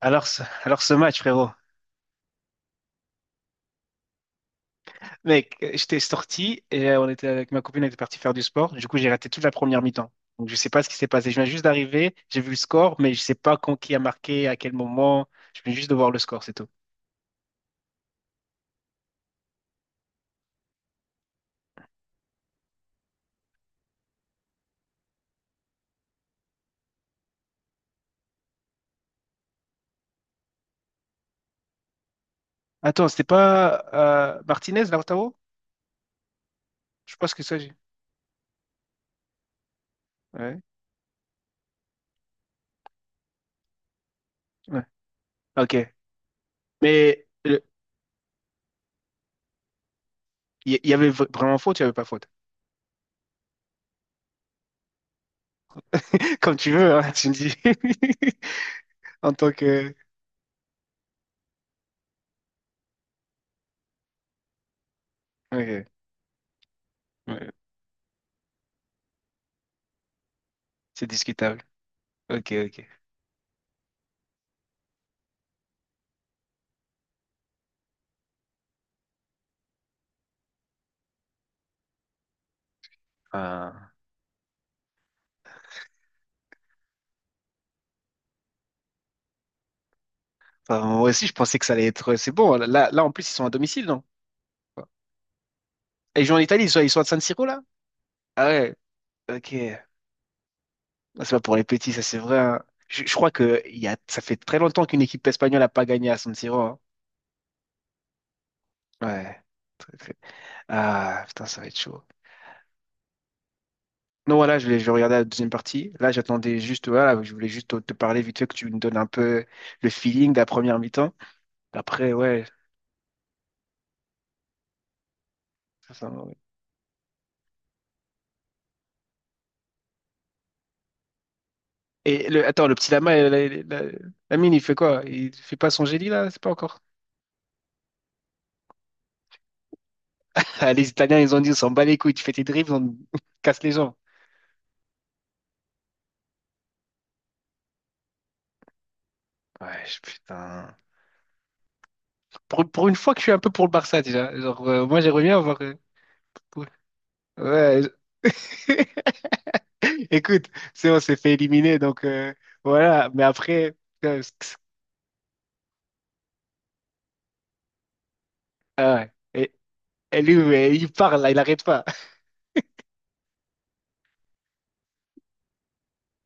Alors, ce match, frérot. Mec, j'étais sorti et on était avec ma copine, on était parti faire du sport. Du coup, j'ai raté toute la première mi-temps. Donc, je sais pas ce qui s'est passé. Je viens juste d'arriver, j'ai vu le score, mais je sais pas quand qui a marqué, à quel moment. Je viens juste de voir le score, c'est tout. Attends, c'était pas Martinez, Lautaro? Je pense que ça, j'ai. Ouais. Ouais. Ok. Mais il y avait vraiment faute, il y avait pas faute. Comme tu veux, hein, tu me dis. En tant que. Ok. Ouais. C'est discutable. Ok, ok. Enfin, moi aussi, je pensais que ça allait être. C'est bon. Là, là, en plus, ils sont à domicile, non? Et ils jouent en Italie, ils sont à San Siro, là? Ah ouais, ok. Ah, c'est pas pour les petits, ça, c'est vrai. Hein. Je crois que ça fait très longtemps qu'une équipe espagnole n'a pas gagné à San Siro. Hein. Ouais. Très, très- Ah, putain, ça va être chaud. Non, voilà, je vais regarder la deuxième partie. Là, j'attendais juste, voilà, je voulais juste te parler vite fait que tu me donnes un peu le feeling de la première mi-temps. Après, ouais. Ça, ça, ouais. Et le, attends, le petit Lama, Lamine, il fait quoi? Il fait pas son génie, là? C'est pas encore. Ah, les Italiens, ils ont dit, on s'en bat les couilles, tu fais tes dribbles, on casse les gens. Ouais, putain. Pour une fois que je suis un peu pour le Barça déjà. Genre, moi, j'aimerais bien avoir. Pour- Ouais, je- écoute, c'est on s'est fait éliminer, donc voilà. Mais après, putain, et, et lui, ouais, il parle, là, il arrête pas.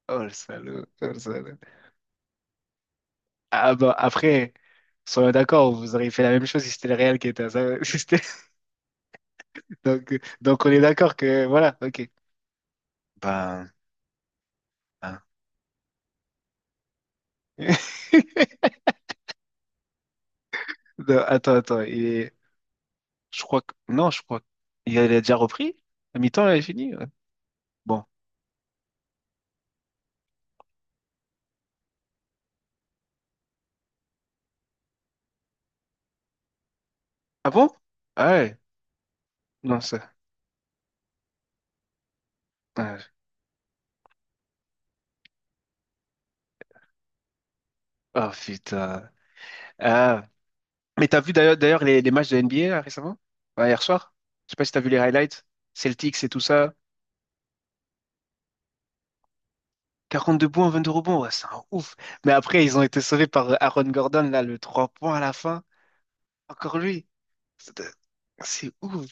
Oh le salaud, oh, le salaud. Ah bah après, soyons d'accord, vous auriez fait la même chose si c'était le Real qui était à ça. si c'était- Donc, donc on est d'accord que voilà, ok. Ben, hein. Non, attends, attends. Et je crois que. Non, je crois qu'il a déjà repris. À mi-temps, il a fini. Ouais. Bon. Ah bon? Ah ouais. Non, ça. Ah, oh putain. Ah. Mais t'as vu d'ailleurs les matchs de NBA là, récemment? Ouais, hier soir? Je sais pas si t'as vu les highlights. Celtics et tout ça. 42 points, 22 rebonds. Ouais, c'est un ouf. Mais après, ils ont été sauvés par Aaron Gordon, là, le 3 points à la fin. Encore lui. C'est c'est ouf.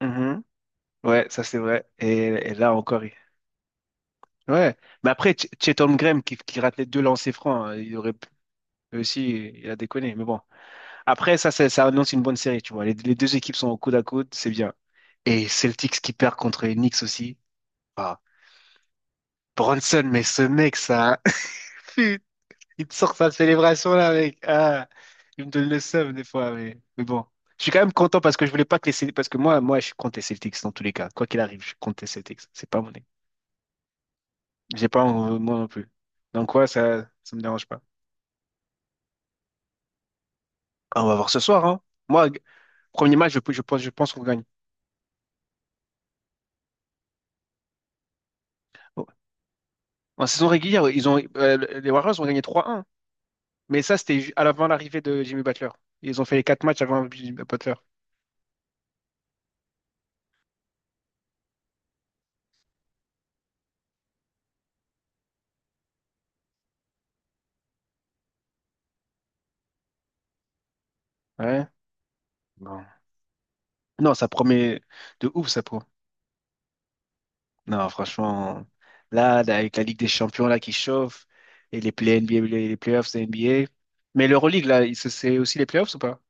Mhm. Ouais, ça c'est vrai. Et là encore, ouais, mais après, Chet Holmgren qui rate les deux lancers francs, hein, il aurait pu lui aussi, il a déconné. Mais bon, après, ça annonce une bonne série, tu vois. Les deux équipes sont au coude à coude, c'est bien. Et Celtics qui perd contre les Knicks aussi. Ah, Bronson, mais ce mec, ça, il te sort sa célébration là, mec. Ah, il me donne le seum des fois, mais bon. Je suis quand même content parce que je voulais pas que les Celtics, parce que moi, je suis contre les Celtics dans tous les cas. Quoi qu'il arrive, je suis contre les Celtics. C'est pas mon équipe. J'ai pas, moi non plus. Donc, ouais, ça me dérange pas. Ah, on va voir ce soir, hein. Moi, premier match, je pense qu'on gagne. Bon. En saison régulière, les Warriors ont gagné 3-1. Mais ça, c'était à l'avant l'arrivée de Jimmy Butler. Ils ont fait les quatre matchs avant Jimmy Butler. Ouais. Non. Non, ça promet de ouf, ça pro. Non, franchement, là, là, avec la Ligue des Champions là qui chauffe et les play NBA, les playoffs de NBA. Mais l'Euroleague, là, c'est aussi les playoffs ou pas?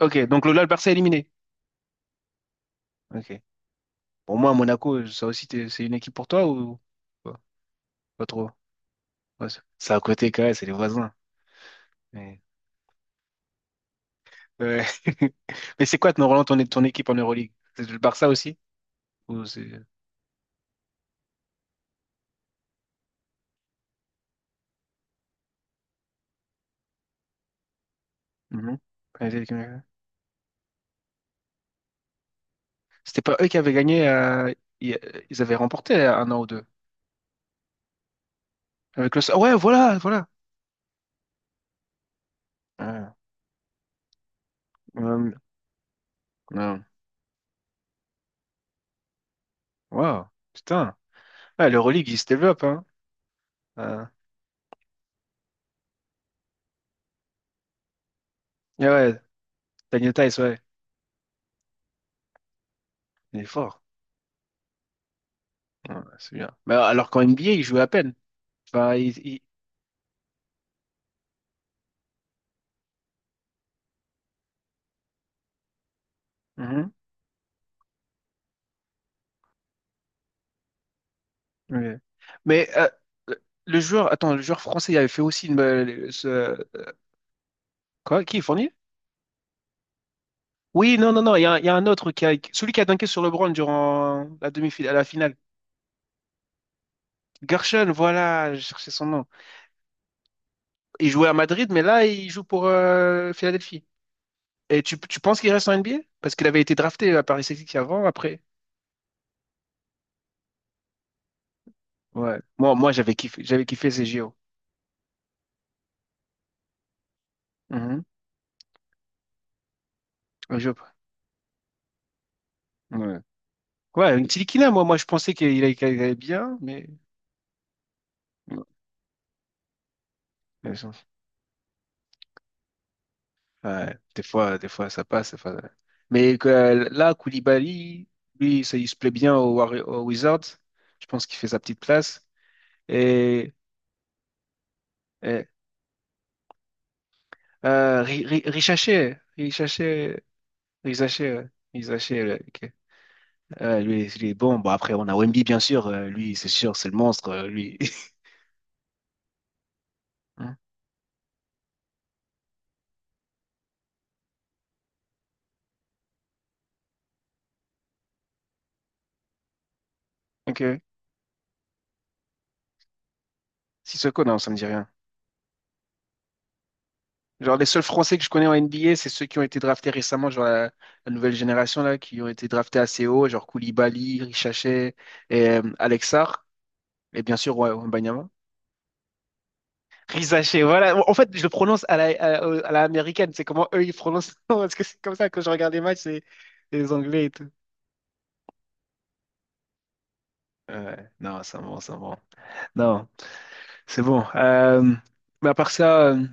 Ok, donc le Barça est éliminé. Ok. Pour moi, Monaco, ça aussi, c'est une équipe pour toi ou pas, pas trop? Ouais, c'est à côté quand même, c'est les voisins. Mais, ouais. Mais c'est quoi, Roland, ton équipe en Euroleague? C'est le Barça aussi? Ou c'est. Mhm. Ouais, C'était pas eux qui avaient gagné, i- ils avaient remporté un an ou deux. Avec le. Ouais, voilà, voilà. Ah, hum, non. Wow, putain. Ouais, l'Euroleague, il se développe, hein. Ah. Ouais, ouais, Daniel Tice, ouais, il est fort. Ouais, c'est bien. Mais alors qu'en NBA, il joue à peine. Enfin. Mhm. Ok. Mais le joueur, attends, le joueur français, il avait fait aussi quoi? Qui est Fournier? Oui, non, non, non, il y a un autre celui qui a dunké sur LeBron durant la demi-finale, la finale. Gershon, voilà, je cherchais son nom. Il jouait à Madrid, mais là, il joue pour Philadelphie. Et tu penses qu'il reste en NBA? Parce qu'il avait été drafté à Paris Celtics avant, après. Ouais. Moi, j'avais kiffé ces JO. Mhm. Le jeu. Ouais. Ouais, une Tilikina, moi, je pensais qu'il allait bien, mais. Ouais. Ouais, des fois ça passe. Des fois, ouais. Mais là, Koulibaly, lui, ça, il se plaît bien au Wizards. Je pense qu'il fait sa petite place. Et, et Richaché, Richaché, Richaché, ouais. Richaché, ouais, ok. Ouais, lui, il est bon. Bon, après, on a Wemby, bien sûr. Lui, c'est sûr, c'est le monstre, lui. Hein? Ok. Sissoko, non, ça me dit rien. Genre, les seuls Français que je connais en NBA, c'est ceux qui ont été draftés récemment, genre la nouvelle génération, là, qui ont été draftés assez haut, genre Koulibaly, Richachet et Alex Sarr, et bien sûr, ouais, Wembanyama. Richachet, voilà. En fait, je le prononce à la américaine, c'est comment eux, ils prononcent. Parce que c'est comme ça, quand je regarde les matchs, c'est les Anglais et tout. Ouais, non, c'est bon, c'est bon. Non, c'est bon. Mais à part ça,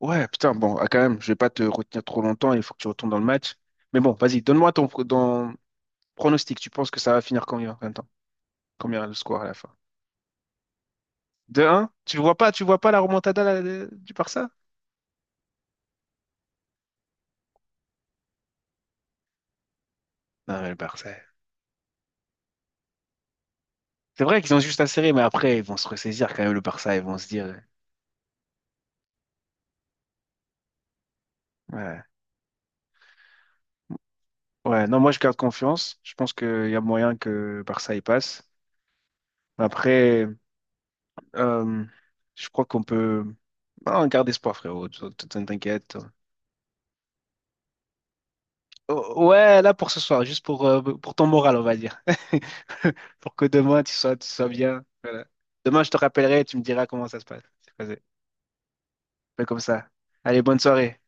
ouais, putain, bon, ah, quand même, je vais pas te retenir trop longtemps, il faut que tu retournes dans le match. Mais bon, vas-y, donne-moi ton, pronostic, tu penses que ça va finir combien? Combien le score à la fin? 2 un. Tu vois pas la remontada là, du Barça? Non, mais le Barça. C'est vrai qu'ils ont juste à serrer, mais après, ils vont se ressaisir quand même, le Barça. Ils vont se dire. Ouais. Ouais, ouais, non, moi, je garde confiance. Je pense qu'il y a moyen que le Barça y passe. Après, euh, je crois qu'on peut. Non, garde espoir, frérot. T'inquiète. Ouais, là pour ce soir, juste pour ton moral, on va dire. Pour que demain, tu sois bien. Voilà. Demain, je te rappellerai et tu me diras comment ça se passe. C'est passé. Fais comme ça. Allez, bonne soirée.